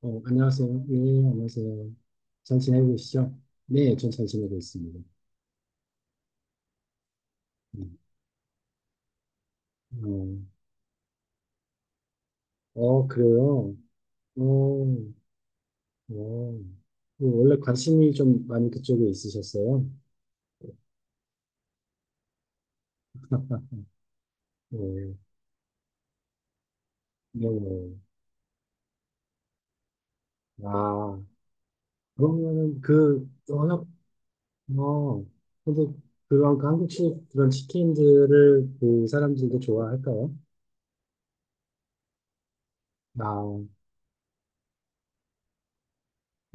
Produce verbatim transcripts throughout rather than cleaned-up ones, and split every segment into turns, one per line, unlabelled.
어, 안녕하세요. 네, 안녕하세요. 잘 지내고 계시죠? 네, 전 잘 지내고 있습니다. 음, 어, 어, 그래요? 어, 어. 그 원래 관심이 좀 많이 그쪽에 있으셨어요? 네, 네, 네. 아, 그러면은 그, 워낙, 어, 근데 그런 그 한국식 그런 치킨들을 그 사람들도 좋아할까요? 아,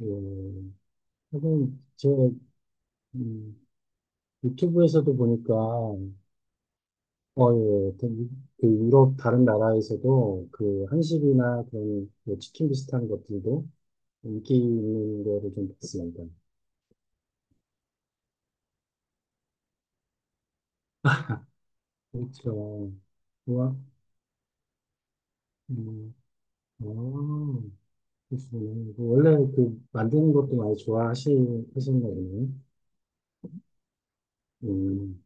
예. 하긴, 저, 음, 유튜브에서도 보니까 어, 예. 예. 그 유럽 다른 나라에서도 그 한식이나 그런 뭐 치킨 비슷한 것들도 인기 있는 거를 좀 봤습니다. 그렇죠. 우와, 음, 아, 그러시군요. 그 원래 그 만드는 것도 많이 좋아하시, 하시는 거군요. 음,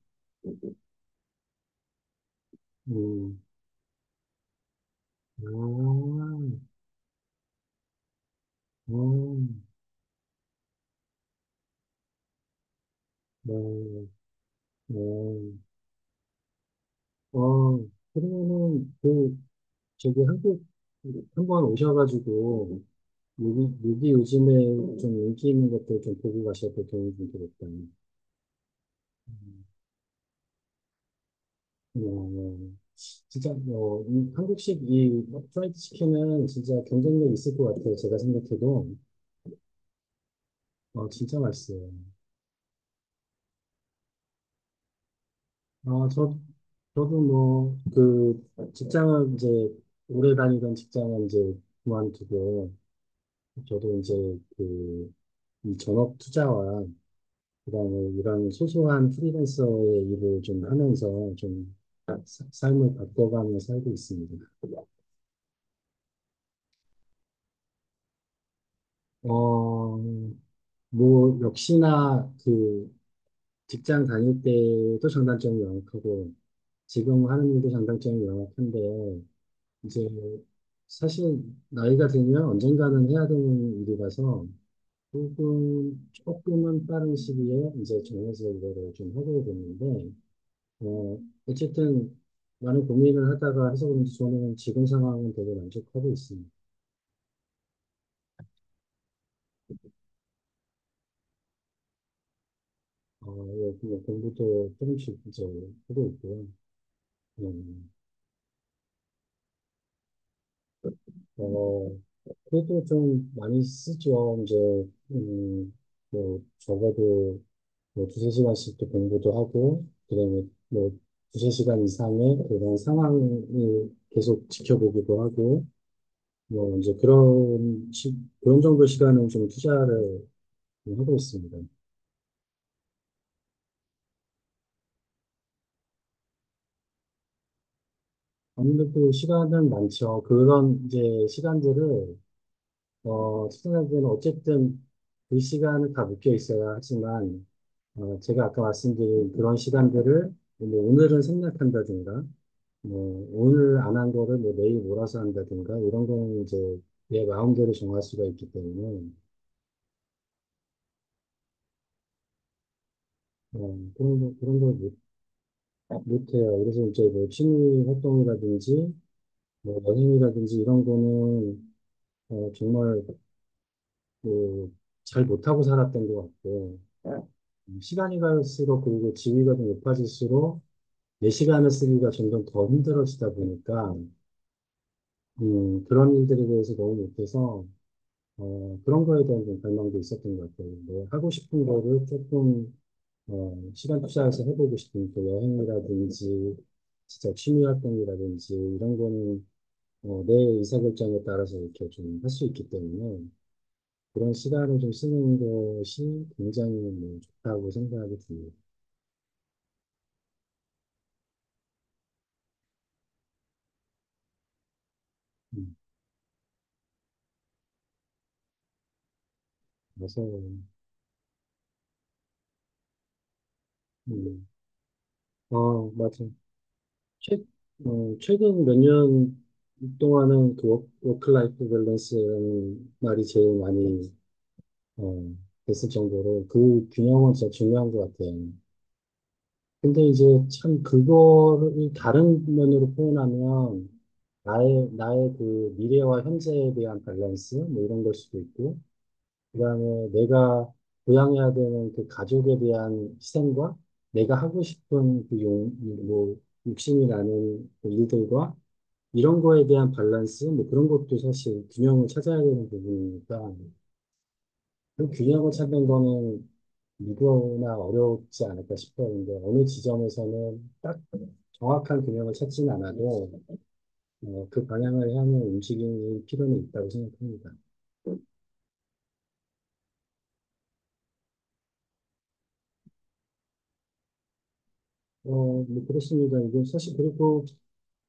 음, 아, 음, 네, 네. 어, 그러면은 그, 저기 한국, 한번 오셔가지고, 여기, 여기 요즘에 좀 인기 있는 것들 좀 보고 가셔야 될 경우가 되겠다. 음. 어, 진짜, 어, 이 한국식 이 프라이드 치킨은 진짜 경쟁력 있을 것 같아요. 제가 생각해도. 어, 진짜 맛있어요. 아 저, 저도 뭐, 그, 직장을 이제, 오래 다니던 직장은 이제 그만두고, 저도 이제 그, 이 전업 투자와 그다음에 이런 소소한 프리랜서의 일을 좀 하면서 좀 사- 삶을 바꿔가며 살고 있습니다. 어, 뭐, 역시나 그 직장 다닐 때도 장단점이 명확하고 지금 하는 일도 장단점이 명확한데 이제 사실 나이가 들면 언젠가는 해야 되는 일이라서 조금, 조금은 빠른 시기에 이제 정해서 이거를 좀 하게 됐는데 어, 어쨌든 많은 고민을 하다가 해서 그런지 저는 지금 상황은 되게 만족하고 있습니다. 어, 여기 뭐 공부도 조금씩 이제 하고 있고요. 음, 어, 그래도 좀 많이 쓰죠. 이제, 음, 뭐, 적어도 뭐 두세 시간씩도 공부도 하고, 그다음에 뭐 두세 시간 이상의 그런 상황을 계속 지켜보기도 하고, 뭐 이제 그런, 시- 그런 정도 시간을 좀 투자를 하고 있습니다. 아무래도 시간은 많죠. 그런 이제 시간들을 어, 시청자들은 어쨌든 그 시간을 다 묶여 있어야 하지만 어, 제가 아까 말씀드린 그런 시간들을 뭐 오늘은 생략한다든가 뭐 오늘 안 한 거를 뭐 내일 몰아서 한다든가 이런 거는 이제 내 마음대로 정할 수가 있기 때문에 어, 그런 거, 그런 걸 못, 못해요. 그래서 이제 뭐 취미 활동이라든지 뭐 여행이라든지 이런 거는 어, 정말 그, 잘 못하고 살았던 것 같고, 응, 시간이 갈수록 그리고 지위가 좀 높아질수록 내 시간을 쓰기가 점점 더 힘들어지다 보니까 음, 그런 일들에 대해서 너무 못해서 어, 그런 거에 대한 좀 갈망도 있었던 것 같아요. 뭐 하고 싶은 응, 거를 조금 어, 시간 투자해서 해보고 싶은 그 여행이라든지 진짜 취미 활동이라든지 이런 거는 어, 내 의사결정에 따라서 이렇게 좀 할 수 있기 때문에 그런 시간을 좀 쓰는 것이 굉장히 뭐 좋다고 생각이 듭니다. 음, 그래서, 음, 어, 맞아. 최, 어, 최근 몇 년 동안은 그 워크, 워크라이프 밸런스라는 말이 제일 많이, 어, 됐을 정도로 그 균형은 진짜 중요한 것 같아요. 근데 이제 참 그거를 다른 면으로 표현하면 나의, 나의 그 미래와 현재에 대한 밸런스, 뭐 이런 걸 수도 있고, 그다음에 내가 부양해야 되는 그 가족에 대한 희생과 내가 하고 싶은 그 용, 뭐, 욕심이 나는 그 일들과 이런 거에 대한 밸런스, 뭐 그런 것도 사실 균형을 찾아야 되는 부분이니까 그 균형을 찾는 거는 누구나 어렵지 않을까 싶어요. 근데 어느 지점에서는 딱 정확한 균형을 찾진 않아도 어, 그 방향을 향해 움직이는 필요는 있다고 생각합니다. 어, 뭐 그렇습니다. 이게 사실 그리고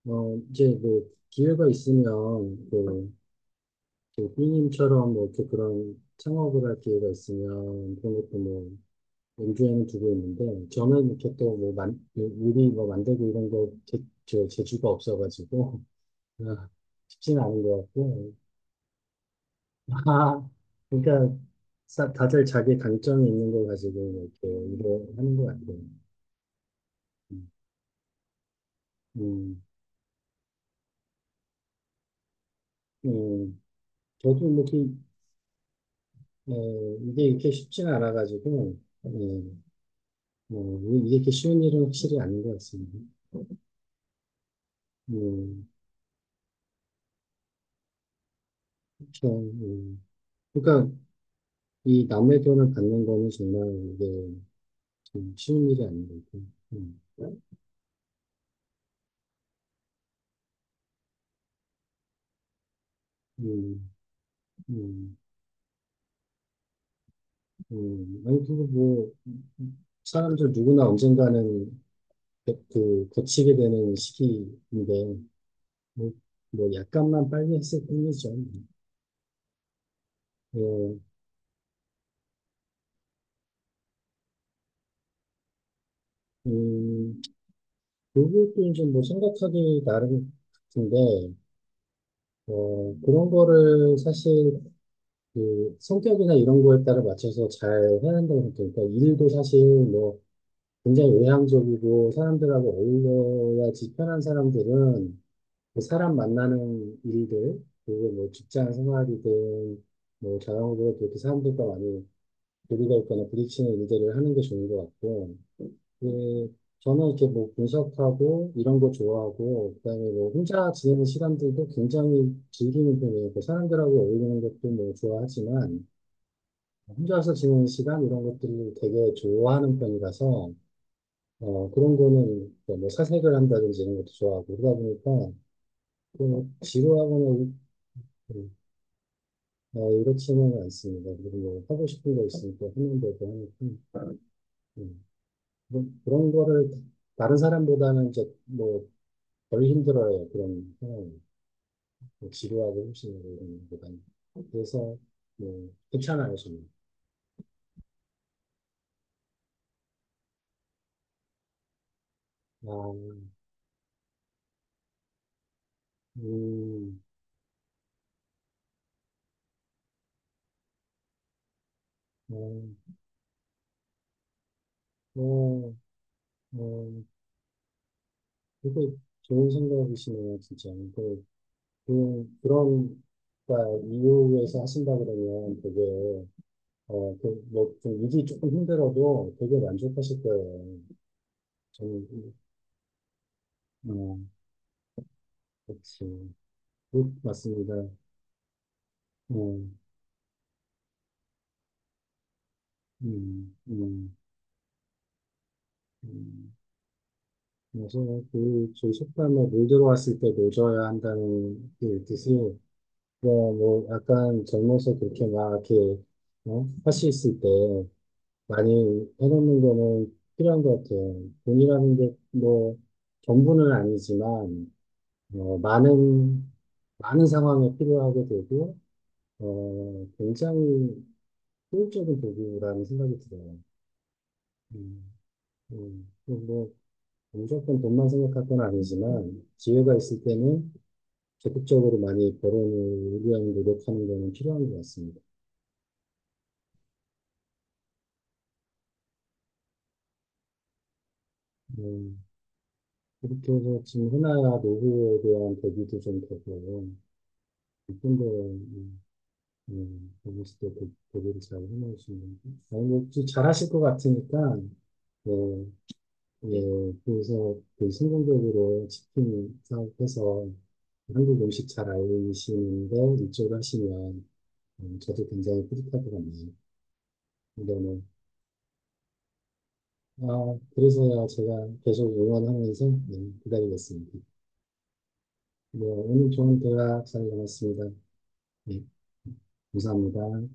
어, 이제 뭐 기회가 있으면 뭐, 그 B님처럼 뭐 이렇게 그런 창업을 할 기회가 있으면 그런 것도 뭐 염두에는 두고 있는데 저는 이렇게 또뭐 만, 요리 뭐 만들고 이런 거 재, 저 재주가 없어가지고 아, 쉽지는 않은 것 같고 그러니까 사- 다들 자기 강점이 있는 걸 가지고 뭐 이렇게 일을 하는 것 같아요. 음, 음, 음. 저도 뭐 이렇게 어, 이게 이렇게 쉽지는 않아가지고 예. 뭐, 이게 이렇게 쉬운 일은 확실히 아닌 것 같습니다. 뭐, 그렇죠. 음. 그러니까 이 남의 돈을 받는 거는 정말 이게 좀 쉬운 일이 아닌 것 같아요. 음. 음, 음, 음. 아니, 그거 뭐, 사람들 누구나 언젠가는 그, 그 거치게 되는 시기인데, 뭐, 뭐 약간만 빨리 했을 뿐이죠. 어, 음, 그것도 이제 뭐 생각하기 나름 같은데, 어, 그런 거를 사실 그 성격이나 이런 거에 따라 맞춰서 잘 해야 한다고 생각해요. 그러니까 일도 사실 뭐 굉장히 외향적이고 사람들하고 어울려야지 편한 사람들은 그 사람 만나는 일들, 그리고 뭐 직장 생활이든 뭐 자영업으로 그렇게 사람들과 많이 교류가 있거나 부딪히는 일들을 하는 게 좋은 것 같고, 그 저는 이렇게 뭐 분석하고 이런 거 좋아하고, 그다음에 뭐 혼자 지내는 시간들도 굉장히 즐기는 편이에요. 그 사람들하고 어울리는 것도 뭐 좋아하지만, 혼자서 지내는 시간 이런 것들을 되게 좋아하는 편이라서 어, 그런 거는 뭐 뭐 사색을 한다든지 이런 것도 좋아하고 그러다 보니까 좀 지루하거나 이- 음, 어, 이렇지는 않습니다. 그리고 뭐 하고 싶은 거 있으니까 하는 거고 하니까 음, 그런, 그런 거를 다른 사람보다는 이제 뭐 덜 힘들어요. 그런 상황이 뭐 지루하고 힘쓰는 거 이런 것보다는 그래서 뭐 괜찮아요 저는. 아, 음, 어, 어, 어, 되게 좋은 생각이시네요, 진짜. 그, 그, 그런, 그러니까 이유에서 하신다 그러면 되게, 어, 그, 뭐, 좀 일이 조금 힘들어도 되게 만족하실 거예요. 저는, 음, 어, 그렇지. 그, 맞습니다. 어, 음, 음, 음. 그래서 그, 저희 식당에 물 들어왔을 때 노져야 한다는 그 뜻이, 뭐, 뭐, 약간 젊어서 그렇게 막 이렇게, 어? 하실 때, 많이 해놓는 거는 필요한 것 같아요. 돈이라는 게 뭐 전부는 아니지만 어, 많은 많은 상황에 필요하게 되고 어, 굉장히 효율적인 도구라는 생각이 들어요. 음, 음, 뭐 무조건 돈만 생각할 건 아니지만 기회가 있을 때는 적극적으로 많이 벌어오기 위한 노력하는 거는 필요한 것 같습니다. 음, 이렇게 해서 지금 흔한 노후에 대한 대비도 좀 되고요. 좀더 음, 거기서 또 대- 대를잘 해놓으시는데. 아니, 뭐, 좀 잘하실 것 같으니까, 뭐, 예, 예, 그래서 그 성공적으로 치킨 사업해서 한국 음식 잘 알리시는데 이쪽을 하시면 음, 저도 굉장히 뿌듯할 것 같네요. 근데 뭐, 아, 그래서야 제가 계속 응원하면서 예, 기다리겠습니다. 네, 오늘 좋은 대화 잘 나눴습니다. 예, 감사합니다.